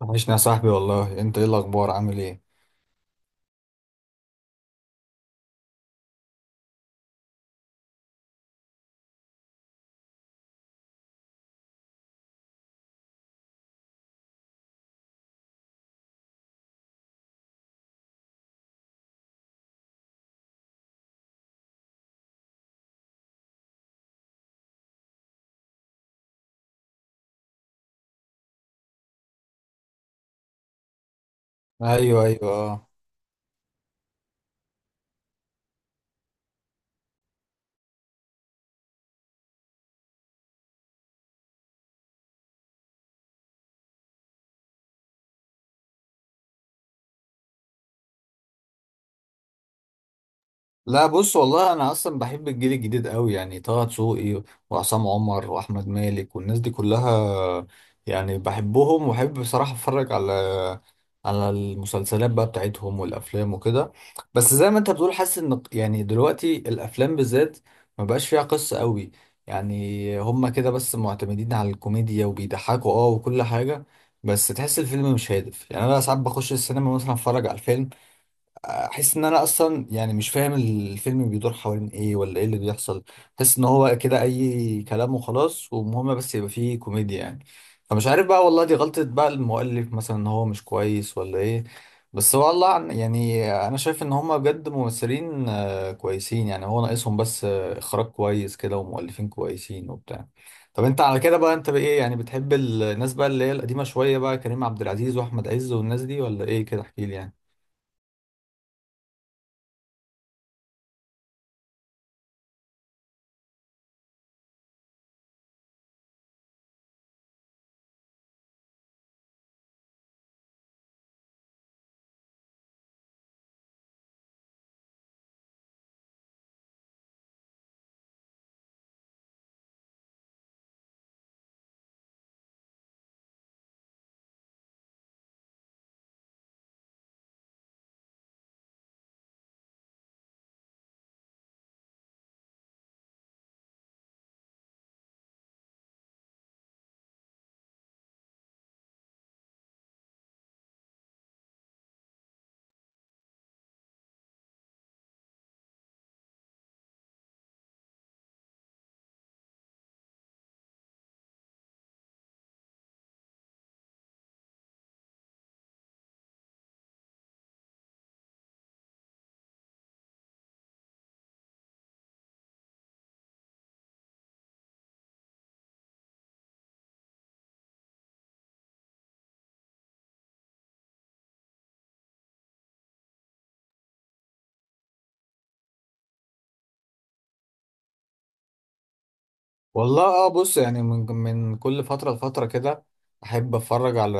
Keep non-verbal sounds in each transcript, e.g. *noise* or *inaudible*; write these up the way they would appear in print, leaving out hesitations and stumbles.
وحشني يا صاحبي والله. انت ايه الاخبار؟ عامل ايه؟ ايوه ايوه اه. لا بص والله انا اصلا بحب الجيل الجديد قوي، يعني طه دسوقي وعصام عمر واحمد مالك والناس دي كلها، يعني بحبهم وبحب بصراحه اتفرج على المسلسلات بقى بتاعتهم والافلام وكده. بس زي ما انت بتقول حاسس ان يعني دلوقتي الافلام بالذات ما بقاش فيها قصه قوي، يعني هما كده بس معتمدين على الكوميديا وبيضحكوا اه وكل حاجه. بس تحس الفيلم مش هادف، يعني انا ساعات بخش السينما مثلا اتفرج على الفيلم، احس ان انا اصلا يعني مش فاهم الفيلم بيدور حوالين ايه ولا ايه اللي بيحصل. احس ان هو كده اي كلام وخلاص، ومهم بس يبقى فيه كوميديا يعني. فمش عارف بقى والله، دي غلطة بقى المؤلف مثلا ان هو مش كويس ولا ايه؟ بس والله يعني انا شايف ان هما بجد ممثلين كويسين، يعني هو ناقصهم بس اخراج كويس كده ومؤلفين كويسين وبتاع. طب انت على كده بقى انت بايه؟ يعني بتحب الناس بقى اللي هي القديمة شوية بقى، كريم عبد العزيز واحمد عز والناس دي، ولا ايه كده؟ احكيلي يعني. والله اه. بص يعني من كل فترة لفترة كده أحب أتفرج على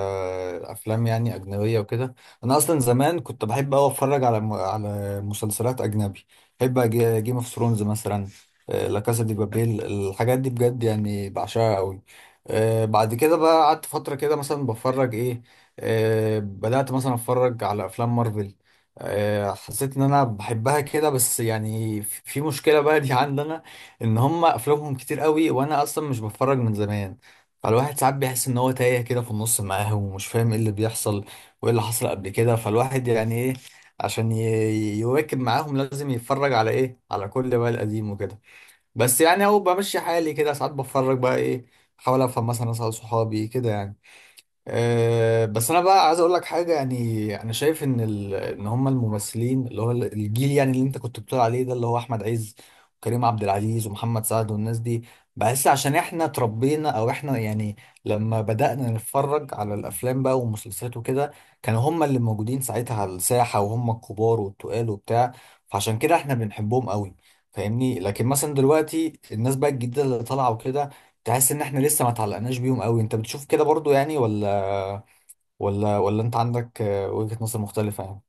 أفلام يعني أجنبية وكده. أنا أصلا زمان كنت بحب أوي أتفرج على على مسلسلات أجنبي. بحب جيم اوف ثرونز مثلا، لا كاسا دي بابيل، الحاجات دي بجد يعني بعشقها أوي. بعد كده بقى قعدت فترة كده مثلا بتفرج إيه، بدأت مثلا أتفرج على أفلام مارفل. حسيت إن أنا بحبها كده، بس يعني في مشكلة بقى دي *laughs* عندنا، ان هم افلامهم كتير قوي وانا اصلا مش بتفرج من زمان. فالواحد ساعات بيحس ان هو تايه كده في النص معاهم ومش فاهم ايه اللي بيحصل وايه اللي حصل قبل كده. فالواحد يعني ايه، عشان يواكب معاهم لازم يتفرج على ايه، على كل بقى القديم وكده. بس يعني هو بمشي حالي كده، ساعات بتفرج بقى ايه، احاول افهم مثلا اسال صحابي كده يعني. أه بس انا بقى عايز اقول لك حاجه، يعني انا شايف ان ان هم الممثلين اللي هو الجيل يعني اللي انت كنت بتقول عليه ده، اللي هو احمد عز وكريم عبد العزيز ومحمد سعد والناس دي، بحس عشان احنا اتربينا او احنا يعني لما بدأنا نتفرج على الافلام بقى والمسلسلات وكده، كانوا هم اللي موجودين ساعتها على الساحه، وهم الكبار والتقال وبتاع، فعشان كده احنا بنحبهم قوي، فاهمني؟ لكن مثلا دلوقتي الناس بقى الجديده اللي طالعه وكده، تحس ان احنا لسه ما اتعلقناش بيهم قوي. انت بتشوف كده برضو يعني؟ ولا ولا انت عندك وجهة نظر مختلفة يعني؟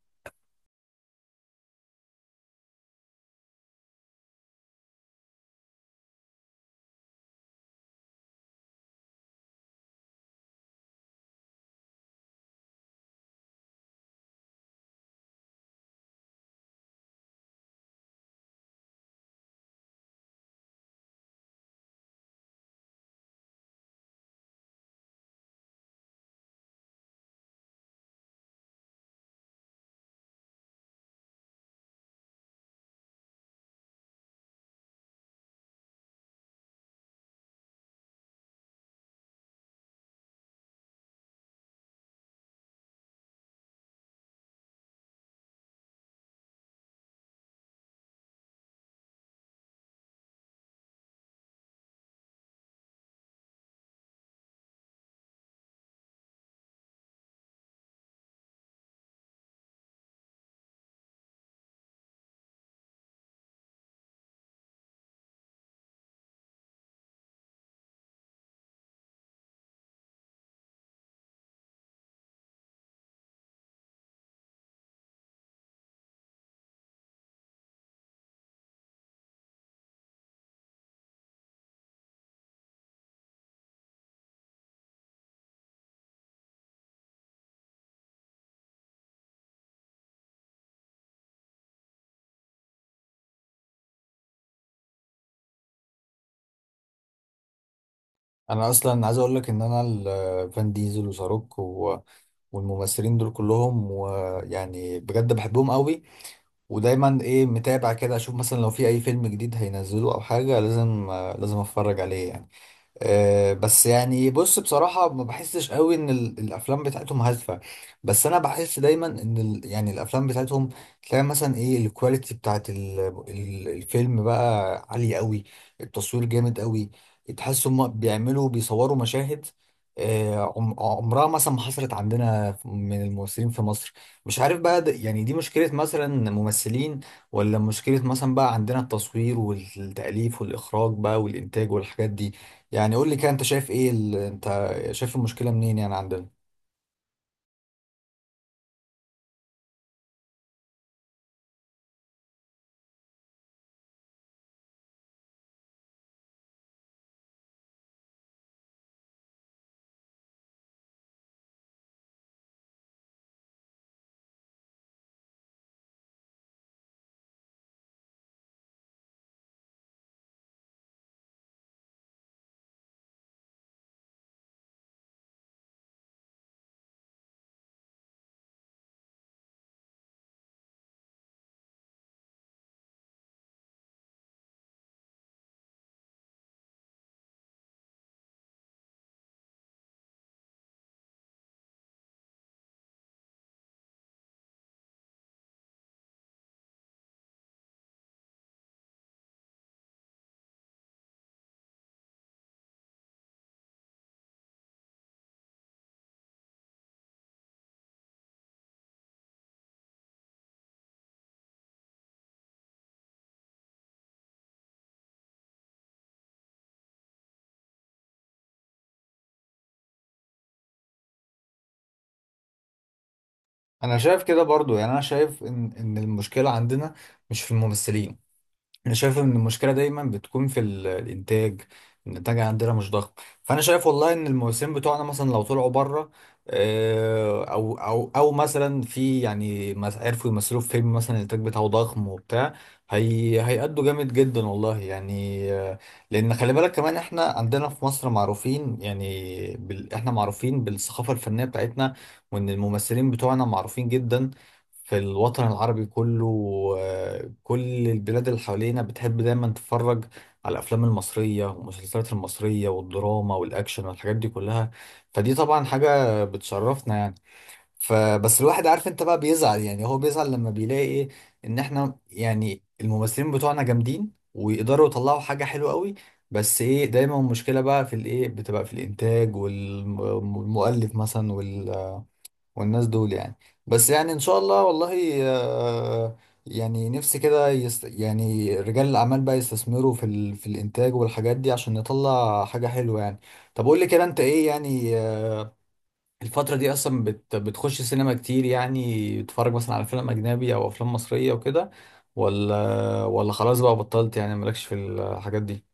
انا اصلا عايز اقول لك ان انا فان ديزل وشاروك و... والممثلين دول كلهم، ويعني بجد بحبهم قوي ودايما ايه متابع كده، اشوف مثلا لو في اي فيلم جديد هينزله او حاجة لازم لازم اتفرج عليه يعني. بس يعني بص بصراحة ما بحسش قوي ان الافلام بتاعتهم هادفة. بس انا بحس دايما ان يعني الافلام بتاعتهم، تلاقي مثلا ايه الكواليتي بتاعت الفيلم بقى عالية قوي، التصوير جامد قوي، تحس هم بيعملوا بيصوروا مشاهد عمرها مثلا ما حصلت عندنا من الممثلين في مصر. مش عارف بقى ده يعني، دي مشكلة مثلا ممثلين، ولا مشكلة مثلا بقى عندنا التصوير والتأليف والإخراج بقى والإنتاج والحاجات دي؟ يعني قول لي كده انت شايف ايه ال... انت شايف المشكله منين يعني عندنا؟ انا شايف كده برضو، يعني انا شايف ان المشكله عندنا مش في الممثلين، انا شايف ان المشكله دايما بتكون في الانتاج. الانتاج عندنا مش ضخم. فانا شايف والله ان الموسمين بتوعنا مثلا لو طلعوا بره، او مثلا في يعني عرفوا يمثلوا في فيلم مثلا الانتاج بتاعه ضخم وبتاع، هي هيأدوا جامد جدا والله يعني. لان خلي بالك كمان احنا عندنا في مصر معروفين يعني بال... احنا معروفين بالثقافه الفنيه بتاعتنا، وان الممثلين بتوعنا معروفين جدا في الوطن العربي كله. كل البلاد اللي حوالينا بتحب دايما تتفرج على الافلام المصريه والمسلسلات المصريه والدراما والاكشن والحاجات دي كلها، فدي طبعا حاجه بتشرفنا يعني. فبس الواحد عارف، انت بقى بيزعل يعني، هو بيزعل لما بيلاقي ايه، ان احنا يعني الممثلين بتوعنا جامدين ويقدروا يطلعوا حاجه حلوه قوي، بس ايه دايما المشكله بقى في الايه، بتبقى في الانتاج والمؤلف مثلا والناس دول يعني. بس يعني ان شاء الله والله يعني نفسي كده يعني رجال الاعمال بقى يستثمروا في ال... في الانتاج والحاجات دي عشان نطلع حاجة حلوة يعني. طب قول لي كده انت ايه يعني، الفترة دي اصلا بتخش سينما كتير؟ يعني بتتفرج مثلا على فيلم اجنبي او افلام مصرية وكده، ولا خلاص بقى بطلت يعني مالكش في الحاجات دي؟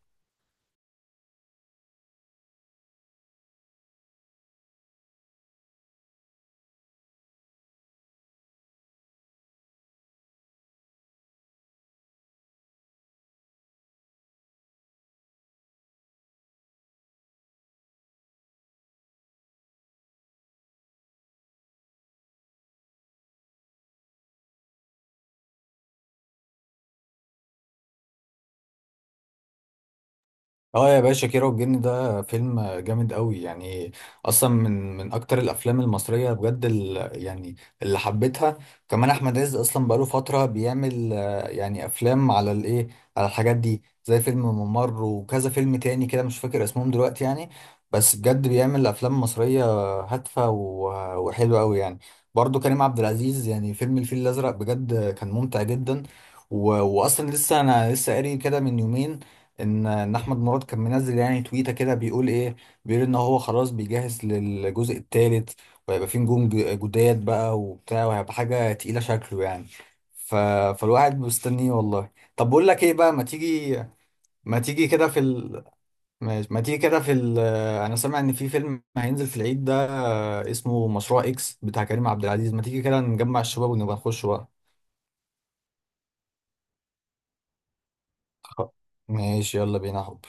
اه يا باشا، كيرة والجن ده فيلم جامد قوي يعني، اصلا من اكتر الافلام المصريه بجد ال- يعني اللي حبيتها. كمان احمد عز اصلا بقاله فتره بيعمل يعني افلام على الايه، على الحاجات دي، زي فيلم ممر وكذا فيلم تاني كده مش فاكر اسمهم دلوقتي يعني. بس بجد بيعمل افلام مصريه هادفه وحلوه قوي يعني. برضو كريم عبد العزيز يعني فيلم الفيل الازرق بجد كان ممتع جدا. و... واصلا لسه انا لسه قاري كده من يومين ان احمد مراد كان منزل يعني تويته كده بيقول ايه، بيقول ان هو خلاص بيجهز للجزء الثالث، وهيبقى فيه نجوم جداد بقى وبتاع، وهيبقى حاجه تقيله شكله يعني. ف... فالواحد مستنيه والله. طب بقول لك ايه بقى، ما تيجي، ما تيجي كده في ال... ما تيجي كده في ال... انا سامع ان في فيلم هينزل في العيد ده اسمه مشروع اكس بتاع كريم عبد العزيز، ما تيجي كده نجمع الشباب ونبقى نخش بقى؟ خ- ماشي يلا بينا.